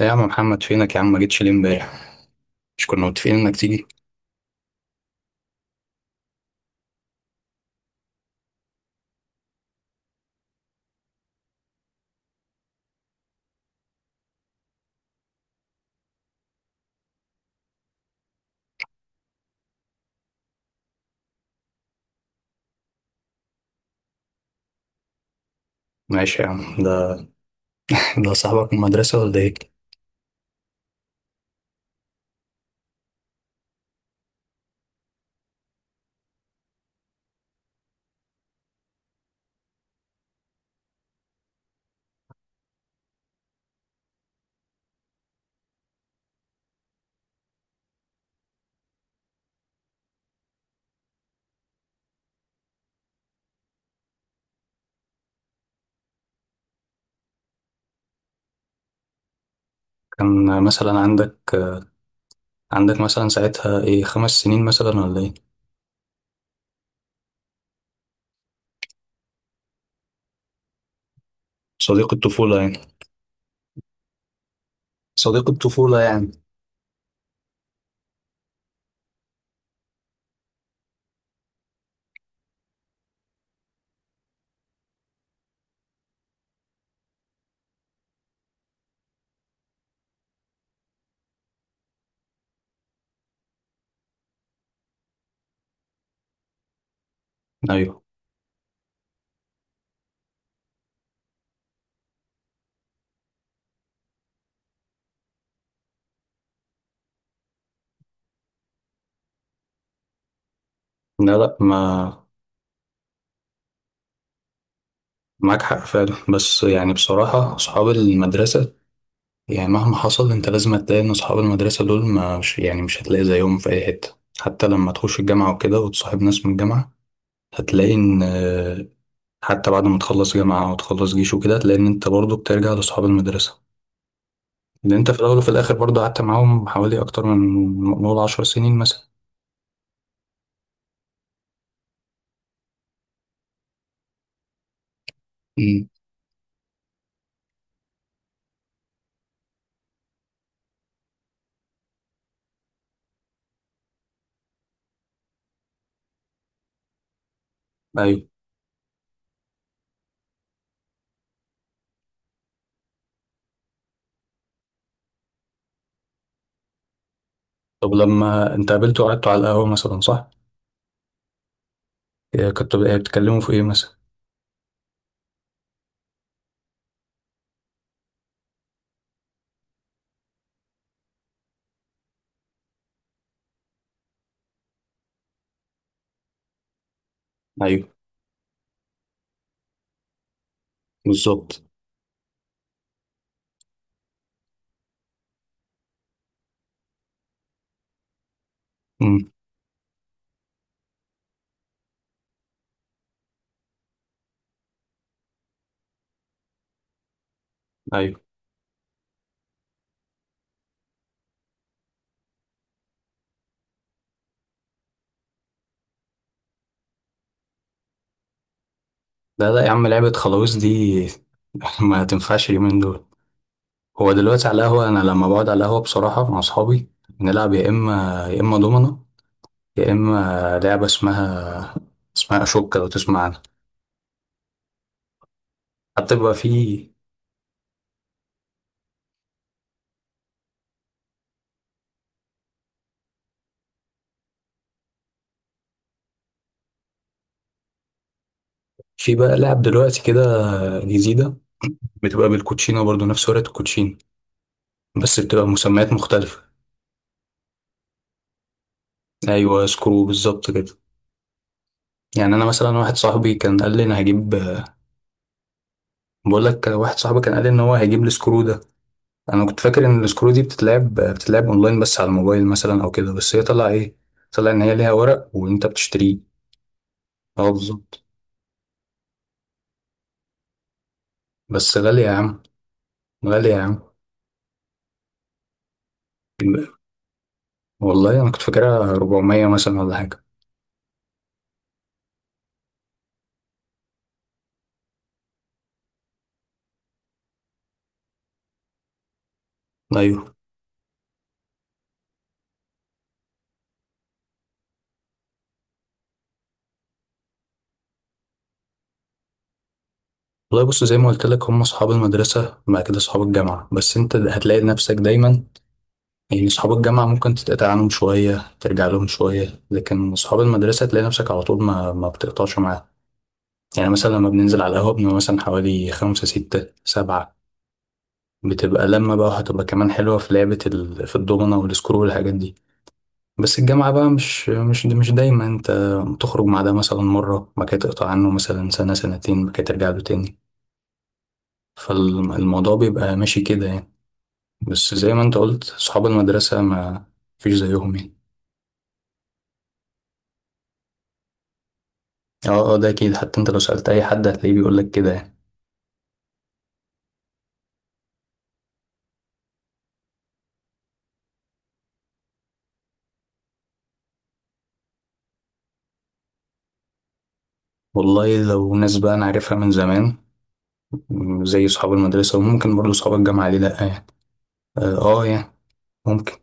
إيه يا عم محمد، فينك يا عم؟ ما جيتش ليه امبارح؟ مش كنا متفقين انك تيجي؟ ماشي يا عم. ده صاحبك من المدرسة ولا ايه؟ كان مثلا عندك مثلا ساعتها ايه، خمس سنين مثلا ولا ايه؟ صديق الطفولة يعني. صديق الطفولة يعني. ايوه. لا، لا، ما معاك حق فعلا، بس يعني بصراحة أصحاب المدرسة، يعني مهما حصل أنت لازم هتلاقي إن أصحاب المدرسة دول ما مش يعني مش هتلاقي زيهم في أي حتة، حتى لما تخش الجامعة وكده وتصاحب ناس من الجامعة. هتلاقي إن حتى بعد ما تخلص جامعة أو تخلص جيش وكده، لأن أنت برضو بترجع لأصحاب المدرسة. لأن أنت في الأول وفي الآخر برضو قعدت معاهم حوالي أكتر من، نقول، عشر سنين مثلا. امم. أيوة. طب لما أنت قابلته وقعدتوا على القهوة مثلا، صح؟ إيه، كنتوا بقى بتتكلموا في إيه مثلا؟ أيوة، بالظبط. امم. أيوة. لا، لا، يا عم، لعبة خلاويص دي ما تنفعش اليومين دول. هو دلوقتي على القهوة، أنا لما بقعد على القهوة بصراحة مع أصحابي بنلعب يا إما يا إما دومنة، يا إما لعبة اسمها أشوكة، لو تسمع عنها. حتى بيبقى في بقى لعب دلوقتي كده، جديدة. بتبقى بالكوتشينة برضو، نفس ورقة الكوتشينة، بس بتبقى مسميات مختلفة. أيوة، سكرو، بالظبط كده. يعني أنا مثلا واحد صاحبي كان قال لي أنا هجيب بقول لك، واحد صاحبي كان قال لي إن هو هيجيب السكرو ده. أنا كنت فاكر إن السكرو دي بتتلعب أونلاين بس على الموبايل مثلا أو كده، بس هي طلع إيه، طلع إن هي ليها ورق وأنت بتشتريه. أه، بالظبط. بس غالية يا عم، غالية يا عم. والله أنا كنت فاكرها 400 مثلا ولا حاجة. أيوة. والله بص، زي ما قلت لك، هم اصحاب المدرسه وبعد كده اصحاب الجامعه، بس انت هتلاقي نفسك دايما. يعني اصحاب الجامعه ممكن تتقطع عنهم شويه، ترجع لهم شويه، لكن اصحاب المدرسه تلاقي نفسك على طول ما بتقطعش معاهم. يعني مثلا لما بننزل على القهوه، بنبقى مثلا حوالي خمسة، ستة، سبعة. بتبقى لما بقى هتبقى كمان حلوه في لعبه في الدومنه والسكرو والحاجات دي. بس الجامعه بقى مش دايما انت تخرج مع ده مثلا مره، ما كده تقطع عنه مثلا سنه سنتين، ما كده ترجع له تاني، فالموضوع بيبقى ماشي كده يعني. بس زي ما انت قلت، صحاب المدرسة ما فيش زيهم يعني. اه، اه، ده اكيد، حتى انت لو سألت اي حد هتلاقيه بيقولك كده يعني. والله لو ناس بقى انا عارفها من زمان، زي صحاب المدرسة، وممكن برضه صحاب الجامعة، ليه لأ يعني. اه، اه، يعني ممكن.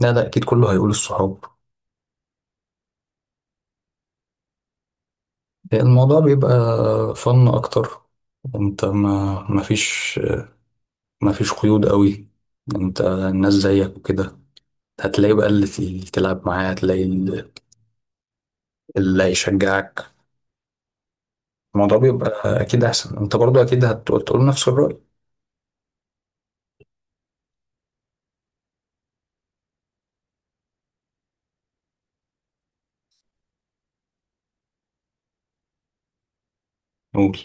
لا، لا، اكيد كله هيقول الصحاب. الموضوع بيبقى فن اكتر، انت ما فيش قيود قوي. انت الناس زيك وكده، هتلاقي بقى اللي تلعب معاه، هتلاقي اللي هيشجعك. الموضوع بيبقى اكيد احسن، انت برضو اكيد تقول نفس الرأي. قول.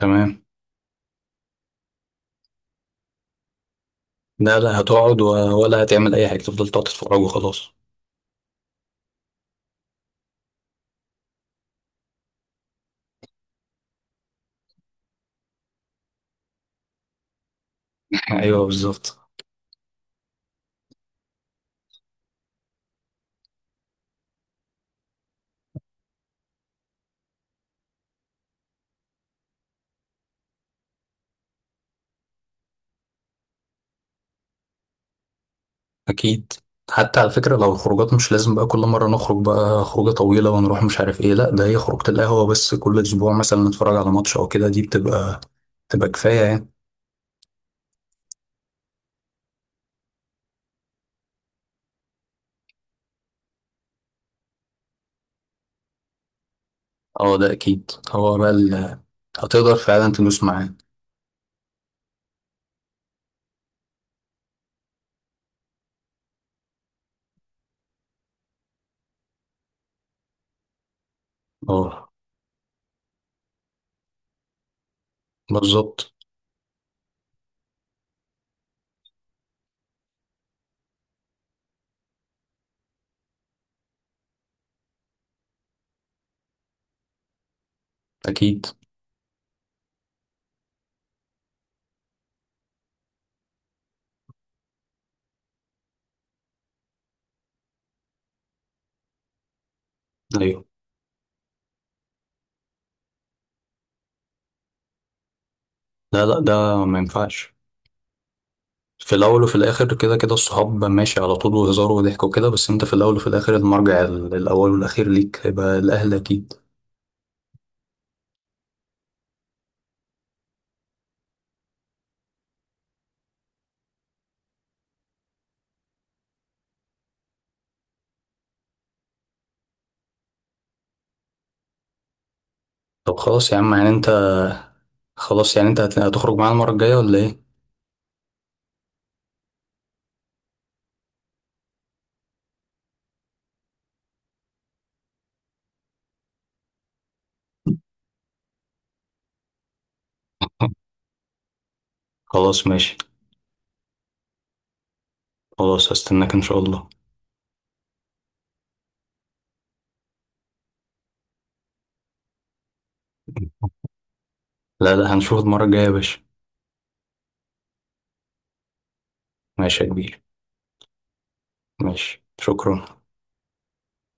تمام. لا، لا، هتقعد ولا هتعمل اي حاجة، تفضل تقعد تتفرج وخلاص. ايوه، بالظبط. اكيد. حتى على فكرة، لو الخروجات مش لازم بقى كل مرة نخرج بقى خروجة طويلة ونروح مش عارف ايه، لا، ده هي خروجة القهوة بس، كل اسبوع مثلا نتفرج على ماتش او كده، دي بتبقى كفاية يعني. اه، ده اكيد، هو بقى هتقدر فعلا تدوس معاه. اه. بالظبط. اكيد. ايوه. لا، لا، ده ما ينفعش. في الاول وفي الاخر كده كده الصحاب ماشي على طول، وهزار وضحك وكده، بس انت في الاول وفي الاخر المرجع الاول والاخير ليك هيبقى الاهل اكيد. طب خلاص يا عم، يعني انت خلاص يعني انت هتخرج معانا المره الجايه ولا ايه؟ خلاص، ماشي. خلاص، هستناك ان شاء الله. لا، لا، هنشوف المره الجايه يا باشا. ماشي يا كبير. ماشي، شكرا.